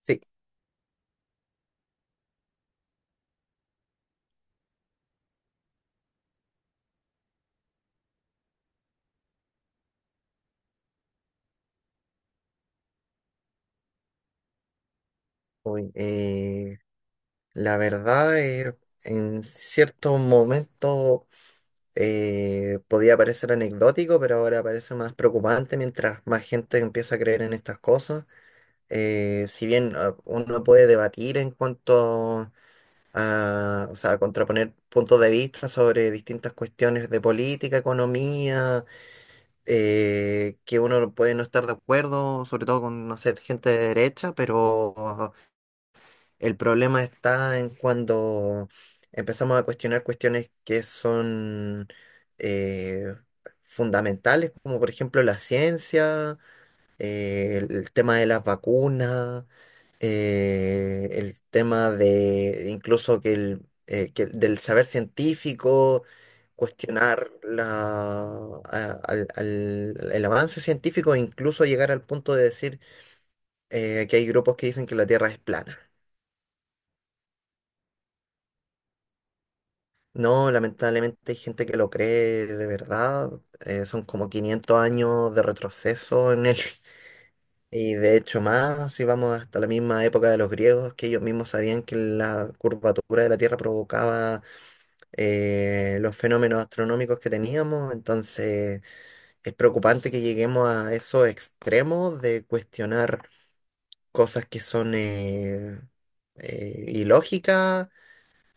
Sí. uy, eh, la verdad, en ciertos momentos podía parecer anecdótico, pero ahora parece más preocupante mientras más gente empieza a creer en estas cosas. Si bien uno puede debatir en cuanto a, o sea, contraponer puntos de vista sobre distintas cuestiones de política, economía, que uno puede no estar de acuerdo, sobre todo con, no sé, gente de derecha, pero... El problema está en cuando empezamos a cuestionar cuestiones que son eh, fundamentales, como por ejemplo la ciencia, el tema de las vacunas, el tema de incluso que del saber científico, cuestionar la, a- al- al- el avance científico, e incluso llegar al punto de decir que hay grupos que dicen que la Tierra es plana. No, lamentablemente hay gente que lo cree de verdad. Son como 500 años de retroceso en él. Y de hecho más, si vamos hasta la misma época de los griegos, que ellos mismos sabían que la curvatura de la Tierra provocaba los fenómenos astronómicos que teníamos. Entonces es preocupante que lleguemos a esos extremos de cuestionar cosas que son ilógicas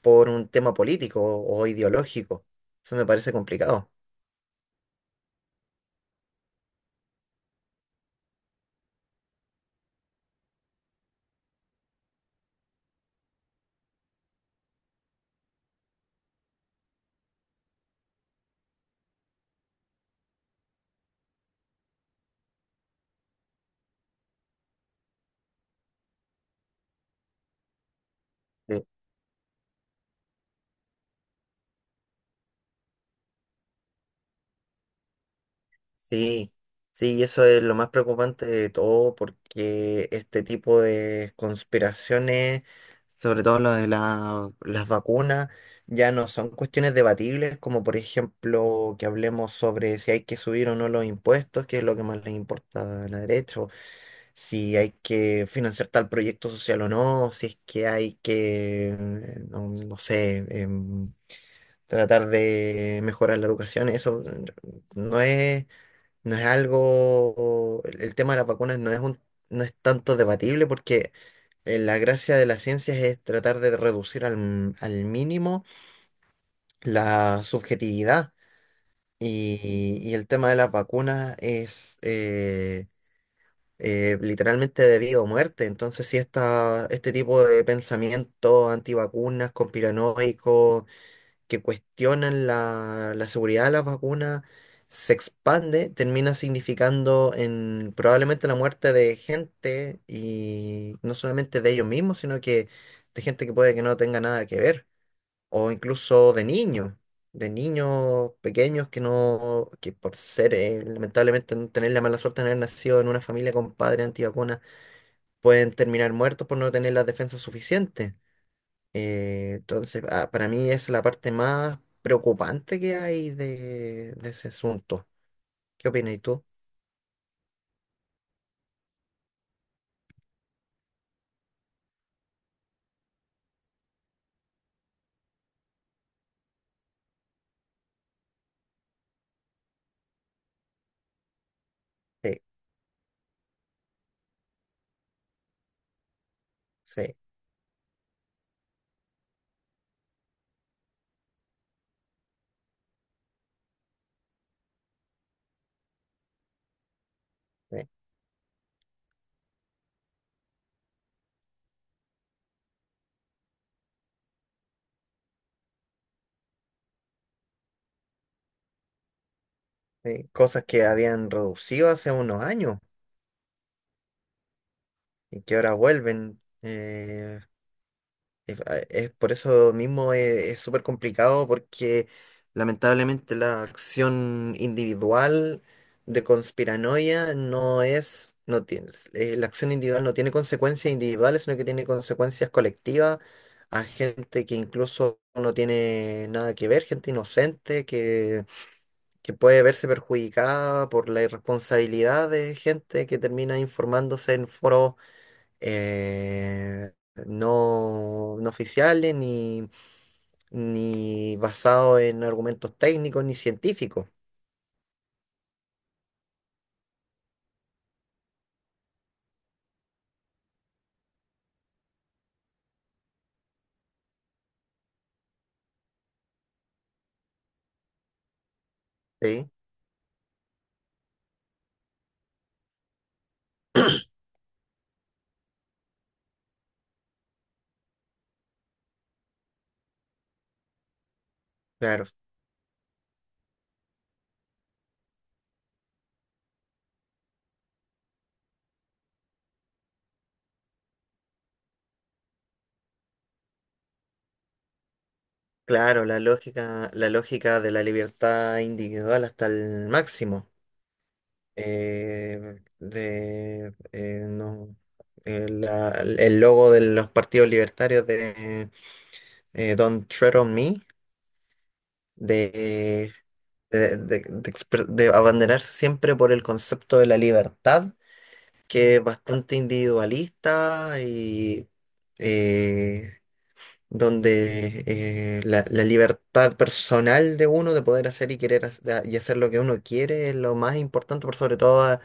por un tema político o ideológico. Eso me parece complicado. Eh, Sí, sí, eso es lo más preocupante de todo porque este tipo de conspiraciones, sobre todo las vacunas, ya no son cuestiones debatibles, como por ejemplo que hablemos sobre si hay que subir o no los impuestos, que es lo que más les importa a la derecha, o si hay que financiar tal proyecto social o no, si es que hay que, no, no sé, em, tratar de mejorar la educación. Eso no es No es algo, el tema de las vacunas no es tanto debatible porque la gracia de las ciencias es tratar de reducir al mínimo la subjetividad y el tema de las vacunas es literalmente de vida o muerte. Entonces, si esta, este tipo de pensamiento antivacunas, conspiranoico, que cuestionan la seguridad de las vacunas se expande, termina significando en probablemente la muerte de gente y no solamente de ellos mismos, sino que de gente que puede que no tenga nada que ver, o incluso de niños pequeños que por ser, lamentablemente, no tener la mala suerte de haber nacido en una familia con padres antivacunas, pueden terminar muertos por no tener las defensas suficientes. Entonces, para mí es la parte más preocupante que hay de ese asunto. ¿Qué opinas tú? Sí, sí, sí, sí. Cosas que habían reducido hace unos años y que ahora vuelven. Es, ah, es por eso mismo es súper complicado porque lamentablemente la acción individual de conspiranoia no tiene, la acción individual no tiene consecuencias individuales, sino que tiene consecuencias colectivas a gente que incluso no tiene nada que ver, gente inocente que puede verse perjudicada por la irresponsabilidad de gente que termina informándose en foros eh, no oficiales, ni basado en argumentos técnicos ni científicos. Sí, claro, claro, la lógica de la libertad individual hasta el máximo. De, no, la- El logo de los partidos libertarios de Don't Tread on Me, de, de abanderarse siempre por el concepto de la libertad, que es bastante individualista y eh, la libertad personal de uno de poder hacer y querer hac- y hacer lo que uno quiere es lo más importante, por sobre todo a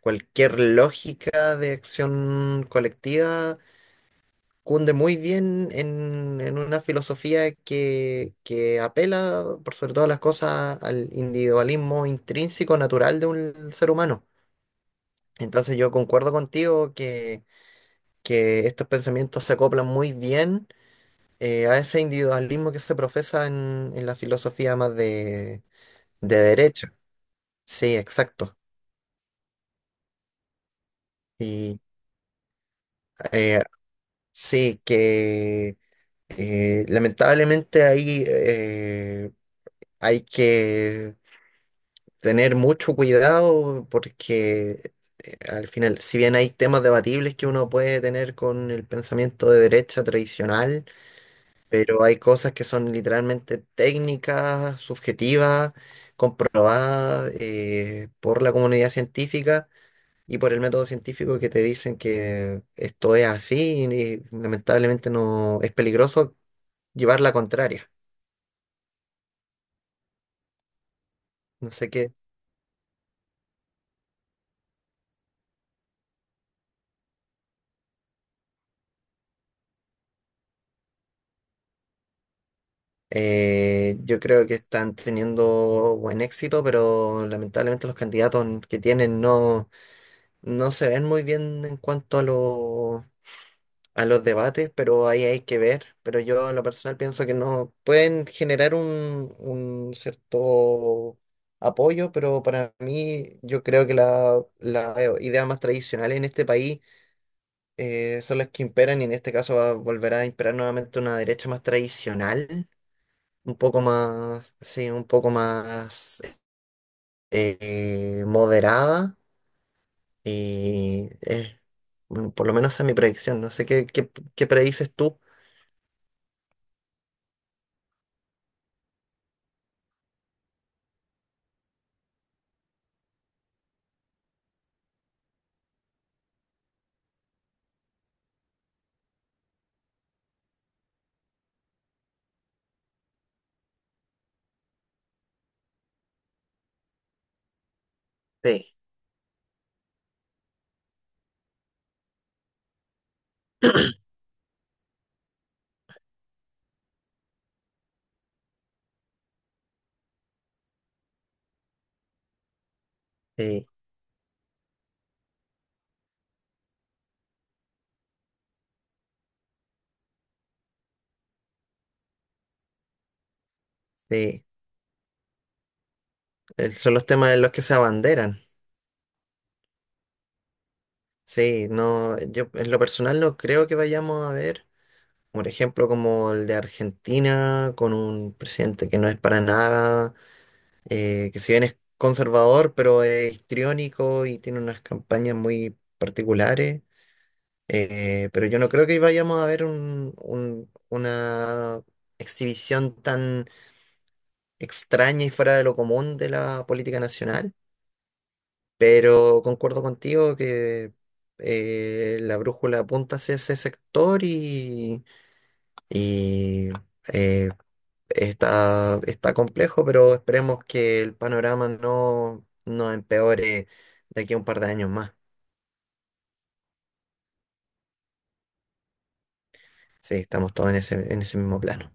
cualquier lógica de acción colectiva. Cunde muy bien en una filosofía que apela, por sobre todas las cosas, al individualismo intrínseco, natural de un ser humano. Entonces yo concuerdo contigo que estos pensamientos se acoplan muy bien a ese individualismo que se profesa en la filosofía más de derecha. Sí, exacto. Y eh, sí, que lamentablemente ahí hay que tener mucho cuidado porque al final, si bien hay temas debatibles que uno puede tener con el pensamiento de derecha tradicional, pero hay cosas que son literalmente técnicas, subjetivas, comprobadas por la comunidad científica y por el método científico que te dicen que esto es así y, lamentablemente, no es peligroso llevar la contraria. No sé qué. Yo creo que están teniendo buen éxito, pero lamentablemente los candidatos que tienen no, no se ven muy bien en cuanto a los debates, pero ahí hay que ver. Pero yo en lo personal pienso que no pueden generar un cierto apoyo, pero para mí yo creo que la idea más tradicional en este país son las que imperan y en este caso va a volver a imperar nuevamente una derecha más tradicional. Un poco más, sí, un poco más moderada y bueno, por lo menos esa es mi predicción, no sé qué, qué predices tú. Sí. Eh, Sí, son los temas en los que se abanderan. Sí, no, yo en lo personal no creo que vayamos a ver, por ejemplo, como el de Argentina, con un presidente que no es para nada, que si bien es conservador, pero es histriónico y tiene unas campañas muy particulares. Pero yo no creo que vayamos a ver una exhibición tan extraña y fuera de lo común de la política nacional. Pero concuerdo contigo que la brújula apunta hacia ese sector y, eh, está complejo, pero esperemos que el panorama no, no empeore de aquí a un par de años más. Sí, estamos todos en ese mismo plano.